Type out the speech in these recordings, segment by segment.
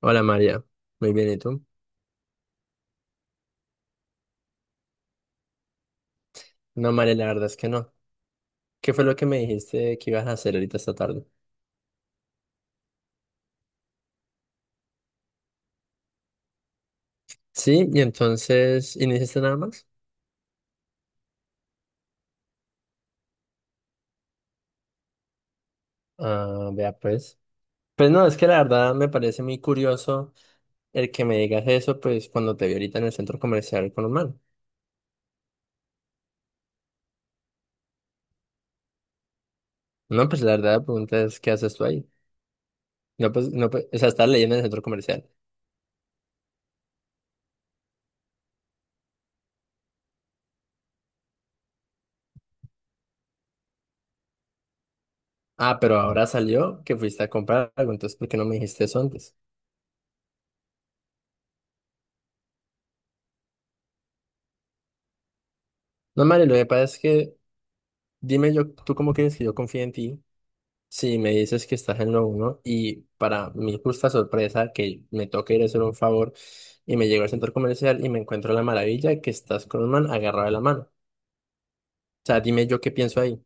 Hola María, muy bien, ¿y tú? No, María, la verdad es que no. ¿Qué fue lo que me dijiste que ibas a hacer ahorita esta tarde? Sí, y entonces, ¿y no hiciste nada más? Ah, vea pues. Pues no, es que la verdad me parece muy curioso el que me digas eso, pues cuando te vi ahorita en el centro comercial con un man. No, pues la verdad la pregunta es, ¿qué haces tú ahí? No, pues, no, pues, o sea, estás leyendo en el centro comercial. Ah, pero ahora salió que fuiste a comprar algo, entonces, ¿por qué no me dijiste eso antes? No, María, lo que pasa es que, dime yo, ¿tú cómo quieres que yo confíe en ti? Sí, me dices que estás en lo uno y para mi justa sorpresa que me toca ir a hacer un favor y me llego al centro comercial y me encuentro la maravilla que estás con un man agarrado de la mano. O sea, dime yo qué pienso ahí.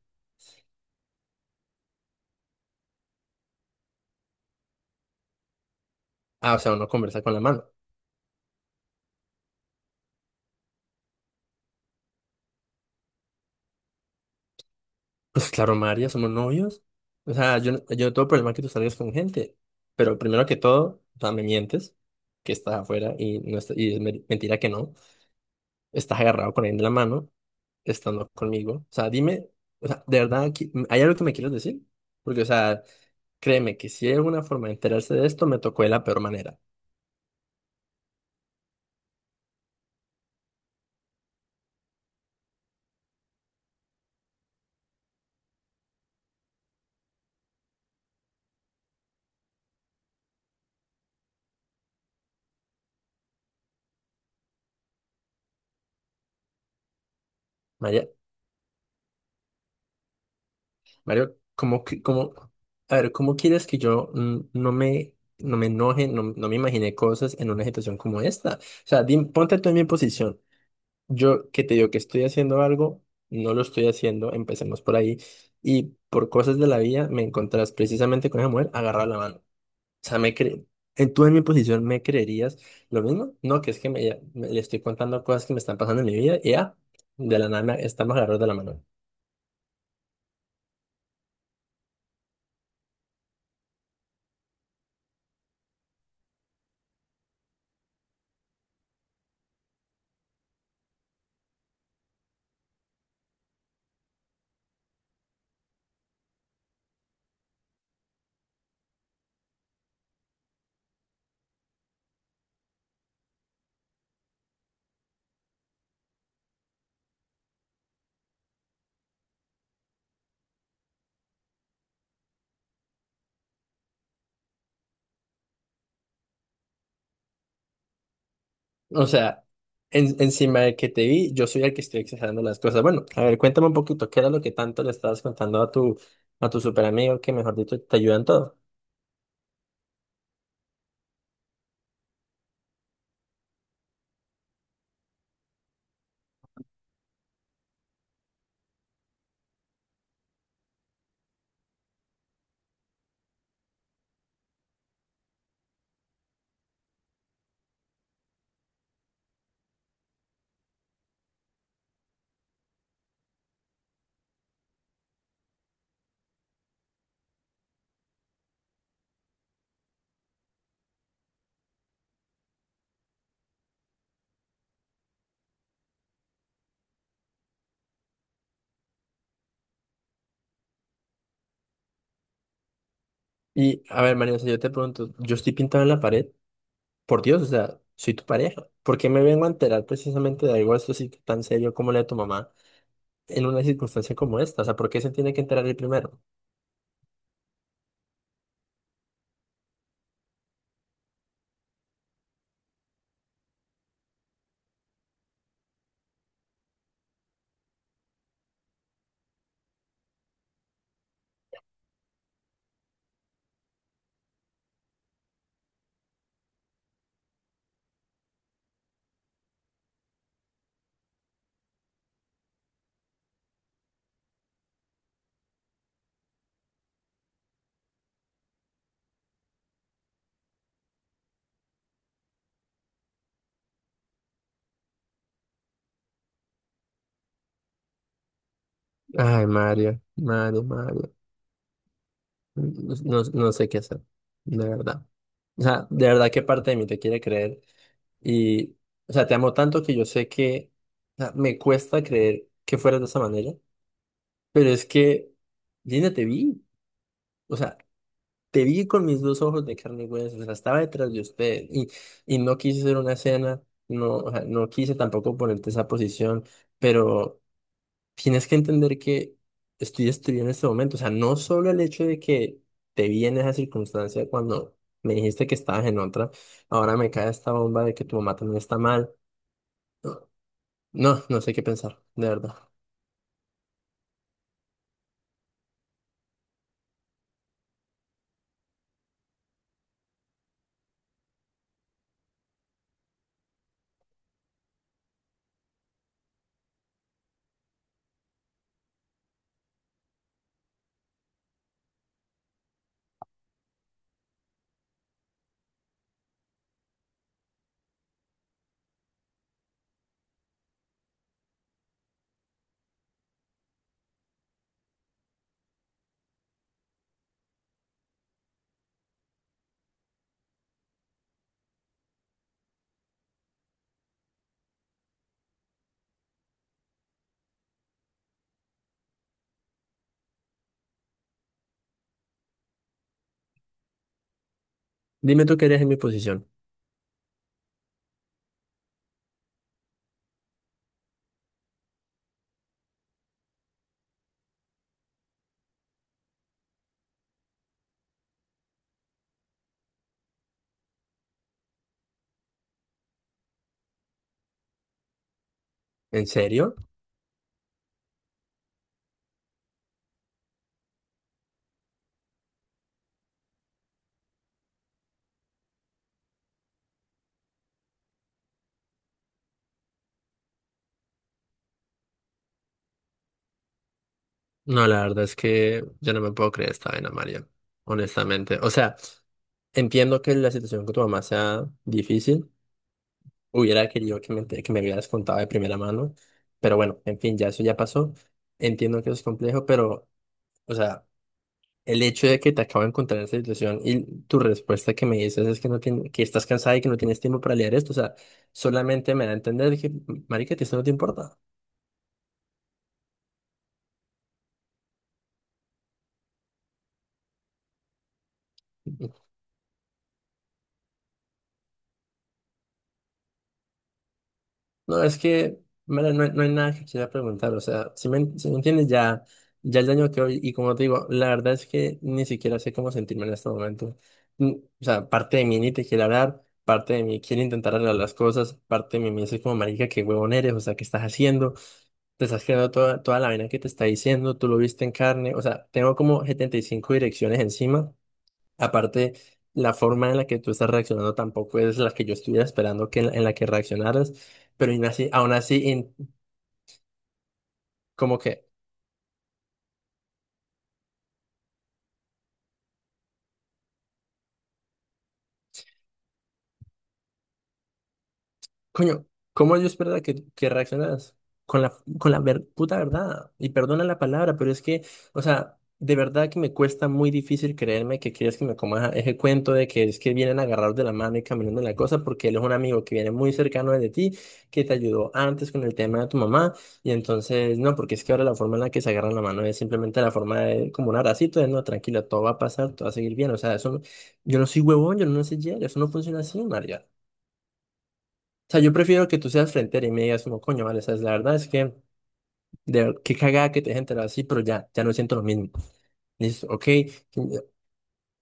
Ah, o sea, uno conversa con la mano. Pues claro, María, somos novios. O sea, yo no tengo problema que tú salgas con gente, pero primero que todo, o sea, me mientes que estás afuera y, no está- y mentira que no. Estás agarrado con alguien de la mano, estando conmigo. O sea, dime, o sea, de verdad, ¿hay algo que me quieres decir? Porque, o sea, créeme que si hay alguna forma de enterarse de esto, me tocó de la peor manera. María, Mario, a ver, ¿cómo quieres que yo no me enoje, no, no me imagine cosas en una situación como esta? O sea, ponte tú en mi posición. Yo que te digo que estoy haciendo algo, no lo estoy haciendo, empecemos por ahí. Y por cosas de la vida me encontrás precisamente con esa mujer agarrada la mano. Sea, ¿tú en mi posición me creerías lo mismo? No, que es que le estoy contando cosas que me están pasando en mi vida y ya, de la nada estamos agarrados de la mano. O sea, encima de que te vi, yo soy el que estoy exagerando las cosas. Bueno, a ver, cuéntame un poquito, ¿qué era lo que tanto le estabas contando a tu super amigo que, mejor dicho, te ayuda en todo? Y, a ver, María, o sea, yo te pregunto, yo estoy pintado en la pared, por Dios, o sea, soy tu pareja. ¿Por qué me vengo a enterar precisamente de algo esto así tan serio como la de tu mamá en una circunstancia como esta? O sea, ¿por qué se tiene que enterar el primero? Ay, Mario, Mario, Mario. No, no sé qué hacer, de verdad. O sea, de verdad qué parte de mí te quiere creer. Y, o sea, te amo tanto que yo sé que, o sea, me cuesta creer que fueras de esa manera. Pero es que, Linda, te vi. O sea, te vi con mis dos ojos de carne y hueso. O sea, estaba detrás de usted y no quise hacer una escena. No, o sea, no quise tampoco ponerte esa posición, pero. Tienes que entender que estoy estudiando en este momento. O sea, no solo el hecho de que te vi en esa circunstancia cuando me dijiste que estabas en otra, ahora me cae esta bomba de que tu mamá también está mal. No, no, no sé qué pensar, de verdad. Dime tú qué harías en mi posición. ¿En serio? No, la verdad es que yo no me puedo creer esta vaina, María. Honestamente. O sea, entiendo que la situación con tu mamá sea difícil. Hubiera querido que que me hubieras contado de primera mano, pero bueno, en fin, ya eso ya pasó. Entiendo que es complejo, pero, o sea, el hecho de que te acabo de encontrar en esta situación y tu respuesta que me dices es que no tien- que estás cansada y que no tienes tiempo para leer esto, o sea, solamente me da a entender que, marica, que esto no te importa. No, es que, mira, no, no hay nada que quiera preguntar, o sea, si me entiendes, ya, ya el daño que hoy, y como te digo, la verdad es que ni siquiera sé cómo sentirme en este momento. O sea, parte de mí ni te quiere hablar, parte de mí quiere intentar arreglar las cosas, parte de mí me dice como, marica, qué huevón eres, o sea, ¿qué estás haciendo? Te estás creando toda, toda la vaina que te está diciendo, tú lo viste en carne, o sea, tengo como 75 direcciones encima. Aparte, la forma en la que tú estás reaccionando tampoco es la que yo estuviera esperando que en la que reaccionaras, pero aún así como que. Coño, ¿cómo yo es verdad que reaccionas con la, con la puta verdad? Y perdona la palabra, pero es que, o sea, de verdad que me cuesta muy difícil creerme que quieres que me coma ese cuento de que es que vienen agarrados de la mano y caminando en la cosa, porque él es un amigo que viene muy cercano de ti, que te ayudó antes con el tema de tu mamá, y entonces, no, porque es que ahora la forma en la que se agarran la mano es simplemente la forma de, como un abracito, de no, tranquila, todo va a pasar, todo va a seguir bien, o sea, eso no- yo no soy huevón, yo no soy ya, eso no funciona así, María. O sea, yo prefiero que tú seas frente y me digas como, coño, vale, sabes, la verdad es que, qué cagada que te dejes enterado así, pero ya, ya no siento lo mismo. Y dices ok.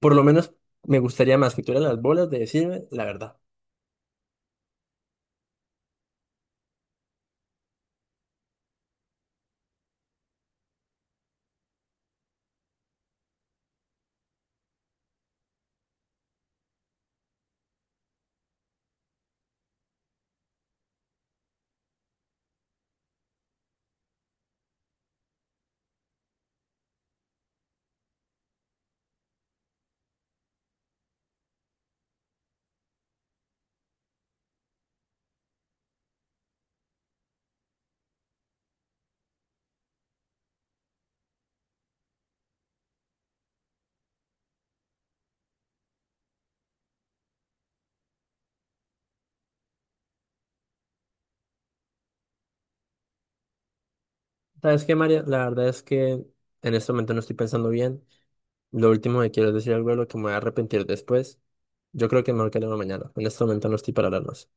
Por lo menos me gustaría más que tuvieras las bolas de decirme la verdad. ¿Sabes qué, María? La verdad es que en este momento no estoy pensando bien. Lo último que quiero es decir algo de lo que me voy a arrepentir después. Yo creo que mejor que hablemos mañana. En este momento no estoy para hablar más.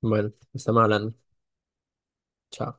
Bueno, estamos hablando. Chao.